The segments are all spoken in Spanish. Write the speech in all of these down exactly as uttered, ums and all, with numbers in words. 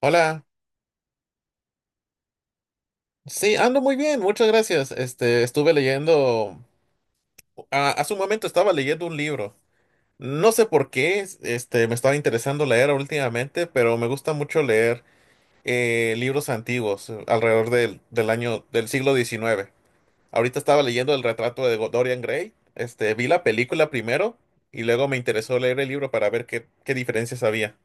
Hola, sí, ando muy bien, muchas gracias. Este, estuve leyendo, a- hace un momento estaba leyendo un libro. No sé por qué, este, me estaba interesando leer últimamente, pero me gusta mucho leer eh, libros antiguos, eh, alrededor del, del año, del siglo diecinueve. Ahorita estaba leyendo el retrato de Go- Dorian Gray. Este, vi la película primero y luego me interesó leer el libro para ver qué, qué diferencias había.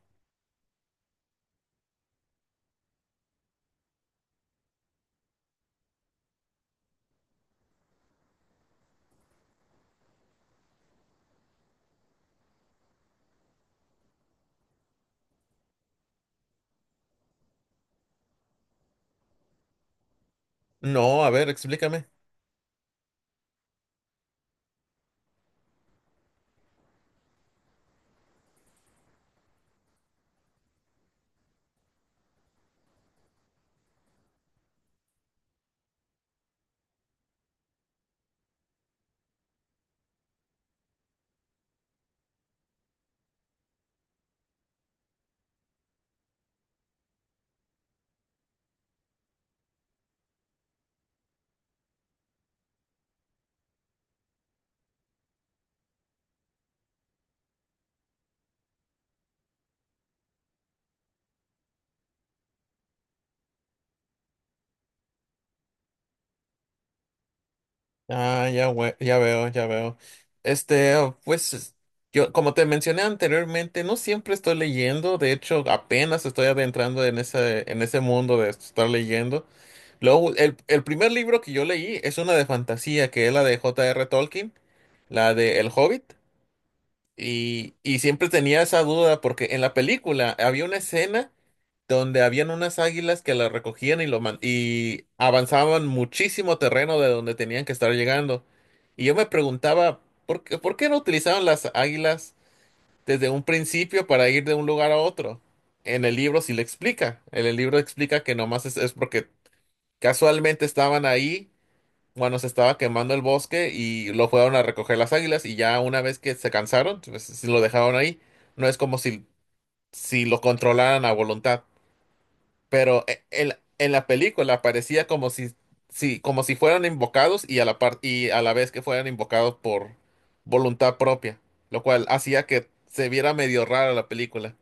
No, a ver, explícame. Ah, ya, we- ya veo, ya veo. Este, oh, pues, es- yo, como te mencioné anteriormente, no siempre estoy leyendo. De hecho, apenas estoy adentrando en ese, en ese mundo de estar leyendo. Luego, el, el primer libro que yo leí es una de fantasía, que es la de J R. Tolkien, la de El Hobbit. Y, y siempre tenía esa duda porque en la película había una escena donde habían unas águilas que las recogían y, lo man- y avanzaban muchísimo terreno de donde tenían que estar llegando. Y yo me preguntaba, ¿por qué, por qué no utilizaban las águilas desde un principio para ir de un lugar a otro? En el libro sí le explica. En el libro explica que nomás es, es porque casualmente estaban ahí cuando se estaba quemando el bosque y lo fueron a recoger las águilas y ya una vez que se cansaron, pues, sí lo dejaron ahí. No es como si, si lo controlaran a voluntad. Pero e- en, la en la película parecía como si, si, como si fueran invocados y a la par- y a la vez que fueran invocados por voluntad propia, lo cual hacía que se viera medio rara la película.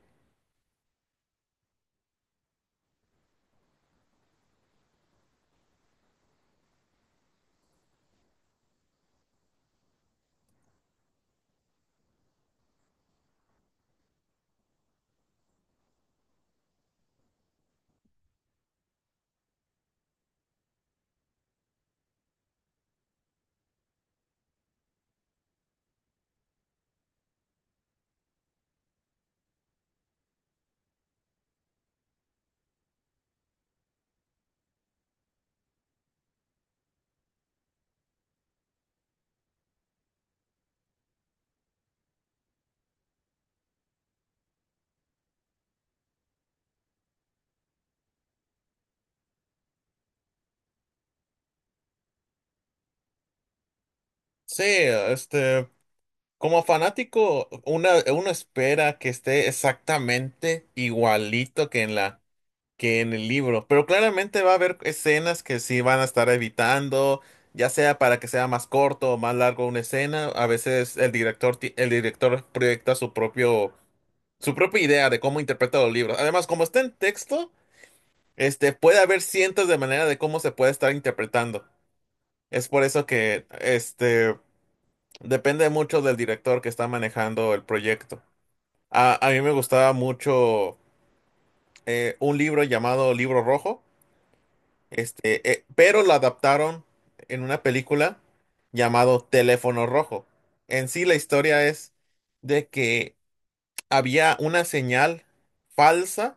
Sí, este, como fanático, una, uno espera que esté exactamente igualito que en la que en el libro. Pero claramente va a haber escenas que sí van a estar evitando, ya sea para que sea más corto o más largo una escena. A veces el director, ti- el director proyecta su propio, su propia idea de cómo interpreta los libros. Además, como está en texto, este, puede haber cientos de maneras de cómo se puede estar interpretando. Es por eso que, este, depende mucho del director que está manejando el proyecto. A, a mí me gustaba mucho eh, un libro llamado Libro Rojo. Este, eh, pero la adaptaron en una película llamado Teléfono Rojo. En sí, la historia es de que había una señal falsa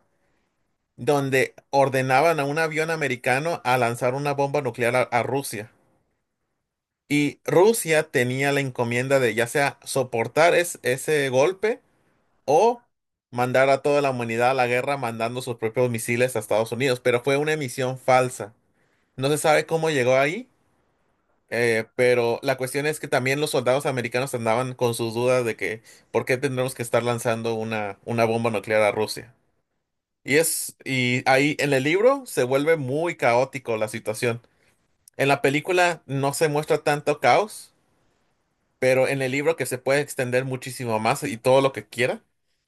donde ordenaban a un avión americano a lanzar una bomba nuclear a, a Rusia. Y Rusia tenía la encomienda de ya sea soportar es- ese golpe o mandar a toda la humanidad a la guerra mandando sus propios misiles a Estados Unidos. Pero fue una misión falsa. No se sabe cómo llegó ahí. Eh, pero la cuestión es que también los soldados americanos andaban con sus dudas de que por qué tendremos que estar lanzando una, una bomba nuclear a Rusia. Y es, y ahí en el libro se vuelve muy caótico la situación. En la película no se muestra tanto caos, pero en el libro que se puede extender muchísimo más y todo lo que quiera,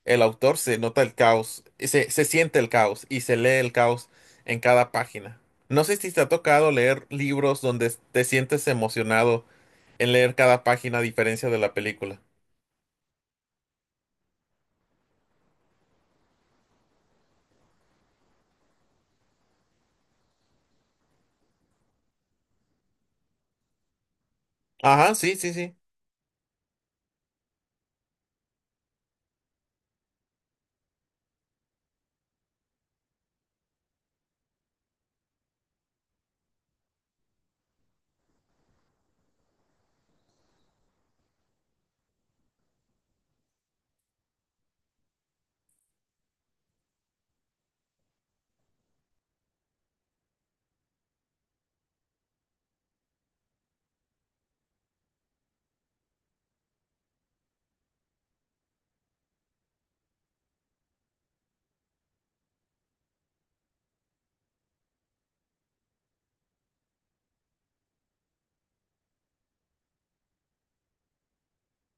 el autor se nota el caos, se, se siente el caos y se lee el caos en cada página. No sé si te ha tocado leer libros donde te sientes emocionado en leer cada página a diferencia de la película. Ajá, sí, sí, sí.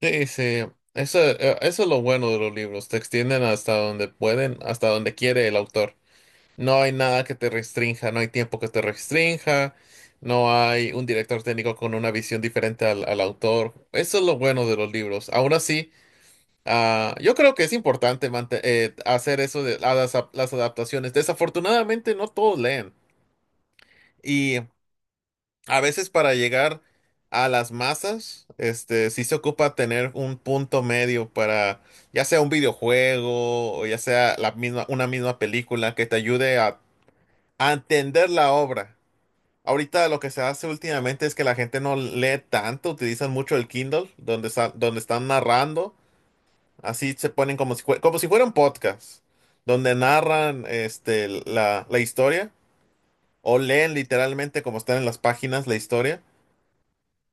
Sí, sí. Eso, eh, eso es lo bueno de los libros. Te extienden hasta donde pueden, hasta donde quiere el autor. No hay nada que te restrinja, no hay tiempo que te restrinja, no hay un director técnico con una visión diferente al, al autor. Eso es lo bueno de los libros. Aún así, ah, yo creo que es importante mante- eh, hacer eso de a las, ap- las adaptaciones. Desafortunadamente, no todos leen. Y a veces para llegar a las masas, este, sí se ocupa tener un punto medio para, ya sea un videojuego o ya sea la misma, una misma película que te ayude a a entender la obra. Ahorita lo que se hace últimamente es que la gente no lee tanto, utilizan mucho el Kindle, donde, sa- donde están narrando, así se ponen como si, fue- como si fuera un podcast, donde narran este, la, la historia o leen literalmente como están en las páginas la historia,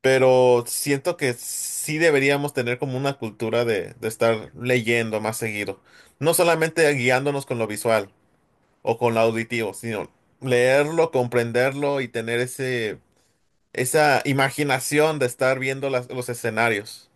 pero siento que sí deberíamos tener como una cultura de, de estar leyendo más seguido, no solamente guiándonos con lo visual o con lo auditivo, sino leerlo, comprenderlo y tener ese esa imaginación de estar viendo las- los escenarios.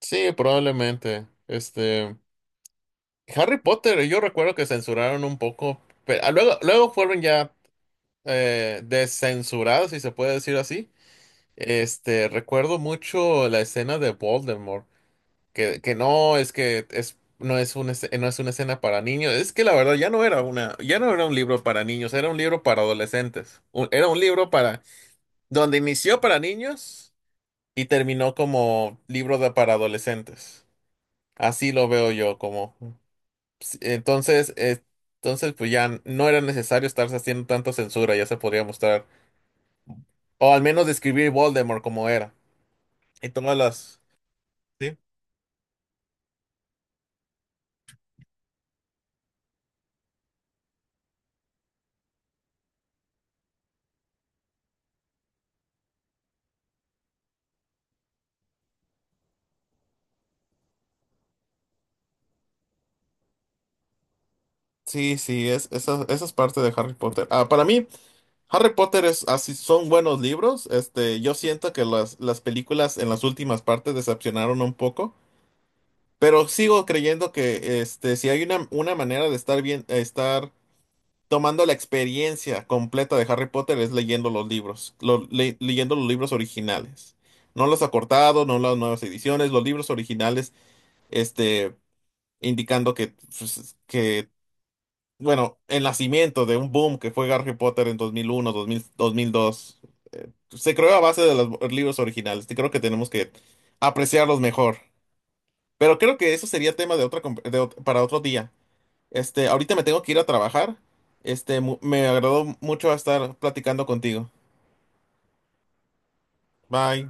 Sí, probablemente. Este, Harry Potter, yo recuerdo que censuraron un poco, pero ah, luego, luego fueron ya eh, descensurados, si se puede decir así. Este, recuerdo mucho la escena de Voldemort, que, que no es que es, no es una, esce- no es una escena para niños. Es que la verdad ya no era una, ya no era un libro para niños, era un libro para adolescentes. Un- era un libro para, donde inició para niños. Y terminó como libro de para adolescentes. Así lo veo yo, como sí, entonces, eh, entonces pues ya no era necesario estarse haciendo tanta censura, ya se podría mostrar. O al menos describir Voldemort como era. Y todas las. Sí, sí, sí, es, esa, esa es parte de Harry Potter. Ah, para mí, Harry Potter es así, son buenos libros. Este, yo siento que las, las películas en las últimas partes decepcionaron un poco. Pero sigo creyendo que este, si hay una, una manera de estar bien, estar tomando la experiencia completa de Harry Potter es leyendo los libros, lo- le- leyendo los libros originales. No los acortados, no las nuevas ediciones, los libros originales, este, indicando que, pues, que, bueno, el nacimiento de un boom que fue Harry Potter en dos mil uno, dos mil, dos mil dos, eh, se creó a base de los libros originales. Y creo que tenemos que apreciarlos mejor. Pero creo que eso sería tema de otra, com- de ot- para otro día. Este, ahorita me tengo que ir a trabajar. Este, mu- me agradó mucho estar platicando contigo. Bye.